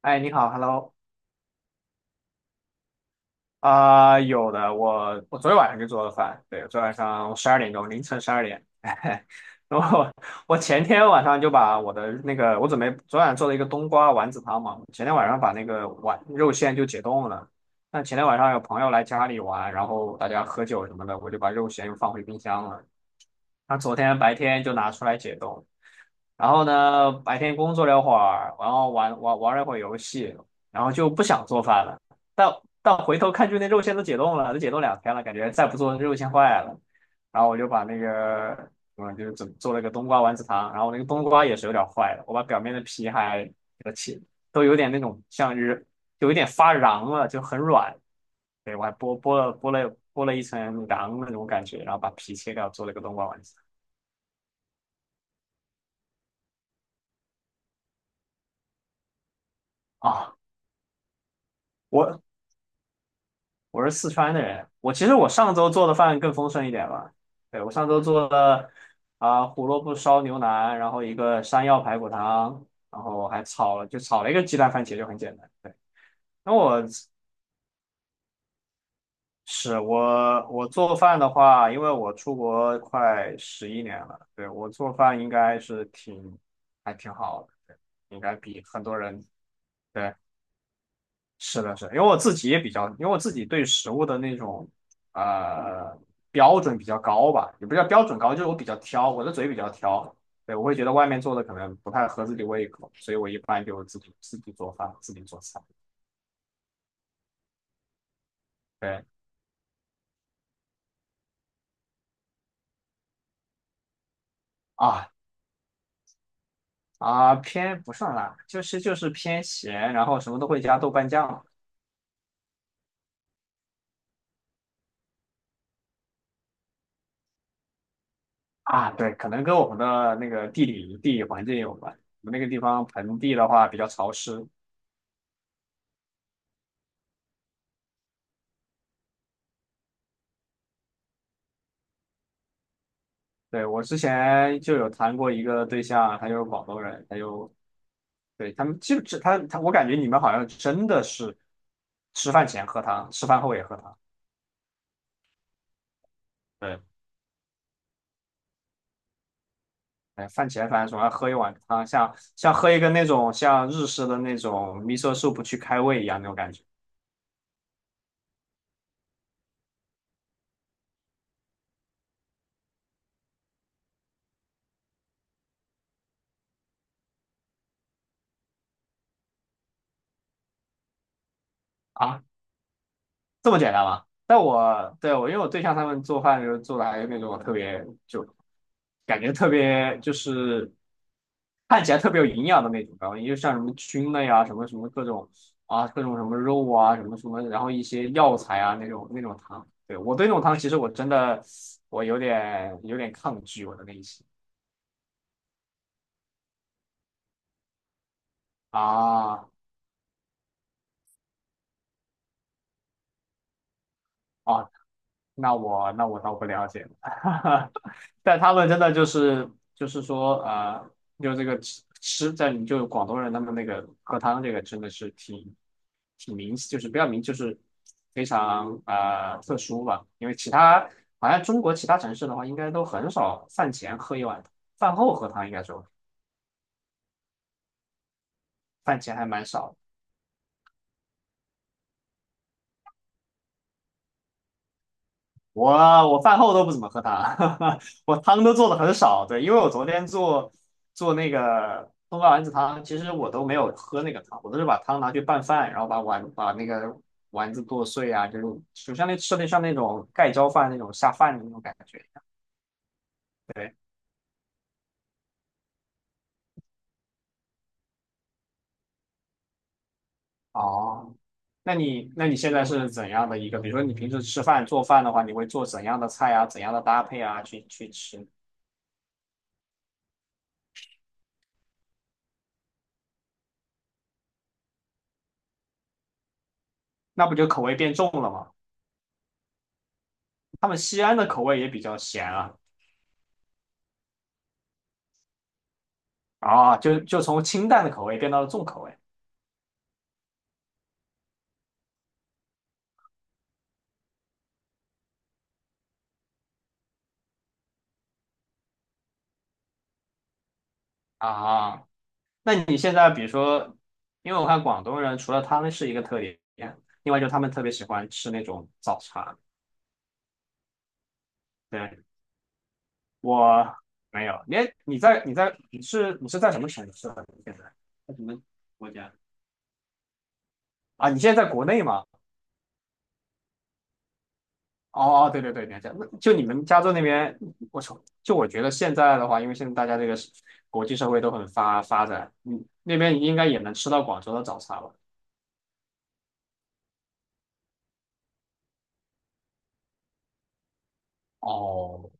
哎，你好，Hello，啊、有的，我昨天晚上就做了饭，对，昨天晚上12点钟，凌晨十二点，然后我前天晚上就把我的那个，我准备昨晚做了一个冬瓜丸子汤嘛，前天晚上把那个丸肉馅就解冻了，那前天晚上有朋友来家里玩，然后大家喝酒什么的，我就把肉馅又放回冰箱了，他昨天白天就拿出来解冻，然后呢，白天工作了会儿，然后玩了一会儿游戏，然后就不想做饭了。但但回头看，就那肉馅都解冻了，都解冻2天了，感觉再不做肉馅坏了。然后我就把那个，就是做了个冬瓜丸子汤，然后那个冬瓜也是有点坏的，我把表面的皮还给它切，都有点那种像是有一点发瓤了，就很软。对，我还剥了一层瓤那种感觉，然后把皮切掉，做了个冬瓜丸子。啊，我我是四川的人，其实我上周做的饭更丰盛一点吧。对，我上周做了啊、胡萝卜烧牛腩，然后一个山药排骨汤，然后还炒了一个鸡蛋番茄，就很简单。对，那我是我我做饭的话，因为我出国快11年了，对，我做饭应该还挺好的，对应该比很多人对。是的，是的因为我自己也比较，因为我自己对食物的那种呃标准比较高吧，也不叫标准高，就是我比较挑，我的嘴比较挑，对，我会觉得外面做的可能不太合自己胃口，所以我一般就自己做饭，自己做菜。对啊啊，偏不算辣，就是偏咸，然后什么都会加豆瓣酱啊，对，可能跟我们的那个地理环境有关，我们那个地方盆地的话比较潮湿，对，我之前就有谈过一个对象，他就是广东人，他们就是他，我感觉你们好像真的是吃饭前喝汤，吃饭后也喝汤。对，哎，饭前反正总要喝一碗汤，像喝一个那种像日式的那种 miso soup 去开胃一样那种感觉。这么简单吗？但我对我因为我对象他们做饭就是做的还有那种特别就感觉特别就是看起来特别有营养的那种，然后也就像什么菌类啊，什么什么各种啊，各种什么肉啊，什么什么，然后一些药材啊那种汤。对，我对那种汤其实我真的我有点抗拒我的内心啊啊，那我倒不了解，但他们真的就是说就这个吃在你就广东人他们那个喝汤这个真的是挺明，就是不要明，就是非常特殊吧，因为其他好像中国其他城市的话，应该都很少饭前喝一碗，饭后喝汤应该说饭前还蛮少的。我我饭后都不怎么喝汤，我汤都做的很少。对，因为我昨天做那个冬瓜丸子汤，其实我都没有喝那个汤，我都是把汤拿去拌饭，然后把那个丸子剁碎啊，就是就像那吃的像那种盖浇饭那种下饭的那种感觉一样。对，哦，那你现在是怎样的一个？比如说你平时吃饭做饭的话，你会做怎样的菜啊？怎样的搭配啊？去吃，那不就口味变重了吗？他们西安的口味也比较咸啊。啊，就就从清淡的口味变到了重口味啊。那你现在比如说，因为我看广东人除了他们是一个特点，另外就是他们特别喜欢吃那种早茶。对，我没有，你是在什么城市啊？你现在在什么国家？啊，你现在在国内吗？哦哦，对对对，了解。那就你们加州那边，我操，就我觉得现在的话，因为现在大家这个是国际社会都很发展，嗯，那边应该也能吃到广州的早茶吧？哦，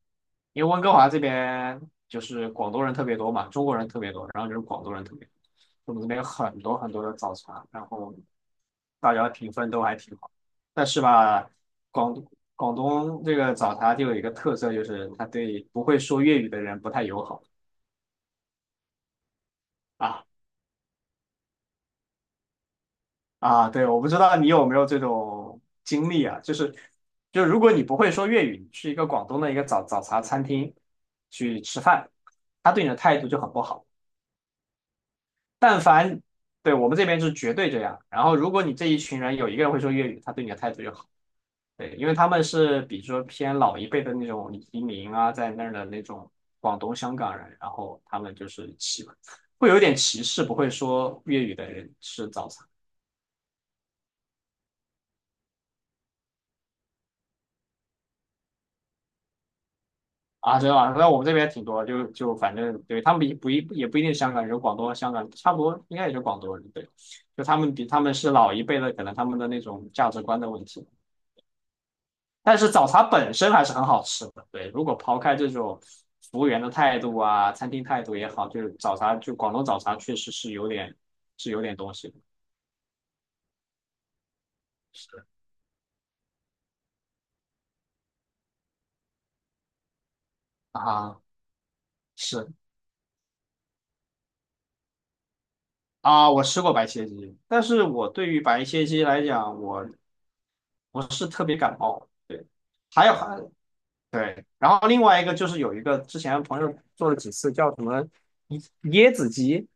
因为温哥华这边就是广东人特别多嘛，中国人特别多，然后就是广东人特别多，我们这边有很多很多的早茶，然后大家评分都还挺好。但是吧，广广东这个早茶就有一个特色，就是它对不会说粤语的人不太友好啊啊！对，我不知道你有没有这种经历啊，就是就如果你不会说粤语，你去一个广东的一个早茶餐厅去吃饭，他对你的态度就很不好。但凡对我们这边是绝对这样。然后，如果你这一群人有一个人会说粤语，他对你的态度就好。对，因为他们是比如说偏老一辈的那种移民啊，在那儿的那种广东、香港人，然后他们就是会有点歧视，不会说粤语的人吃早餐啊，知道啊。那我们这边挺多，就反正对他们比不一也不一定是香港人，广东、香港差不多，应该也就广东人对。就他们比他们是老一辈的，可能他们的那种价值观的问题。但是早茶本身还是很好吃的。对，如果抛开这种服务员的态度啊，餐厅态度也好，就是早茶，就广东早茶确实是有点是有点东西的。是啊，是啊，我吃过白切鸡，但是我对于白切鸡来讲，我不是特别感冒。对，还有对，然后另外一个就是有一个之前朋友做了几次叫什么椰子鸡，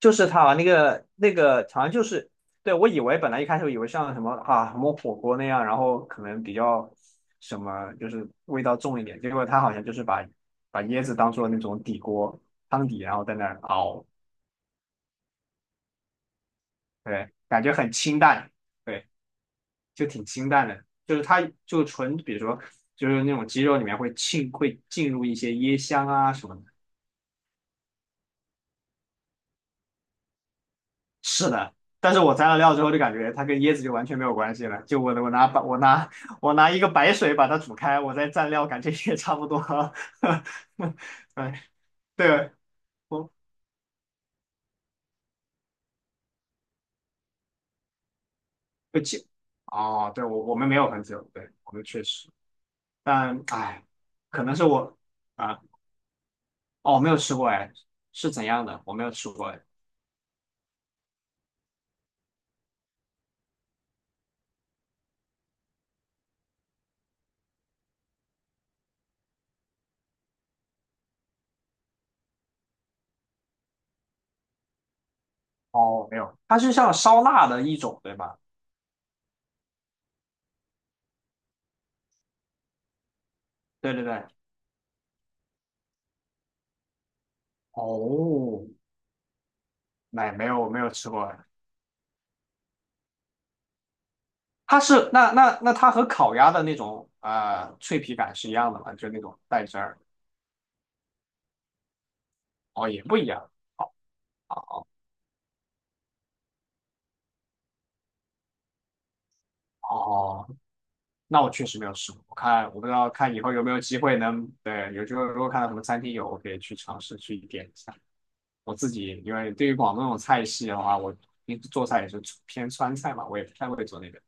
就是它那个那个好像就是，对，我以为本来一开始以为像什么啊什么火锅那样，然后可能比较什么就是味道重一点，结果它好像就是把椰子当做那种底锅汤底，然后在那儿熬，对，感觉很清淡，对，就挺清淡的，就是它就纯比如说就是那种鸡肉里面会浸会进入一些椰香啊什么的。是的，但是我蘸了料之后就感觉它跟椰子就完全没有关系了。就我拿一个白水把它煮开，我再蘸料，感觉也差不多。对对，我我哦，对我们没有很久，对我们确实，但哎，可能是我啊哦没有吃过哎，是怎样的？我没有吃过哎。哦，没有，它是像烧腊的一种，对吧？对对对。哦，没有没有吃过，它是那它和烤鸭的那种脆皮感是一样的吗？就是那种带汁儿哦，也不一样啊哦。那我确实没有试过，我看我不知道看以后有没有机会能对，有机会如果看到什么餐厅有，我可以去尝试去点一下。我自己因为对于广东那种菜系的话，我平时做菜也是偏川菜嘛，我也不太会做那个，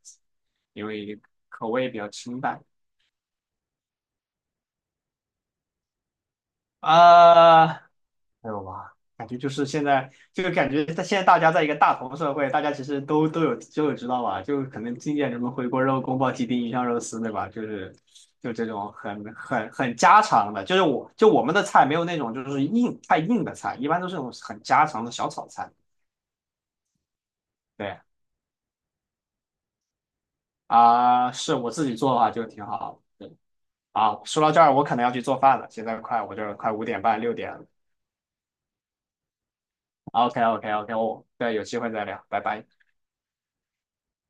因为口味比较清淡。啊。没有吧？感觉就是现在，就感觉现在大家在一个大同社会，大家其实都知道吧？就可能经典什么回锅肉、宫保鸡丁、鱼香肉丝，对吧？就是就这种很家常的，就是就我们的菜没有那种就是太硬的菜，一般都是那种很家常的小炒菜。对啊，是我自己做的话就挺好。对啊，说到这儿，我可能要去做饭了，现在快我这儿快5点半6点了。OK OK OK，我对有机会再聊，拜拜。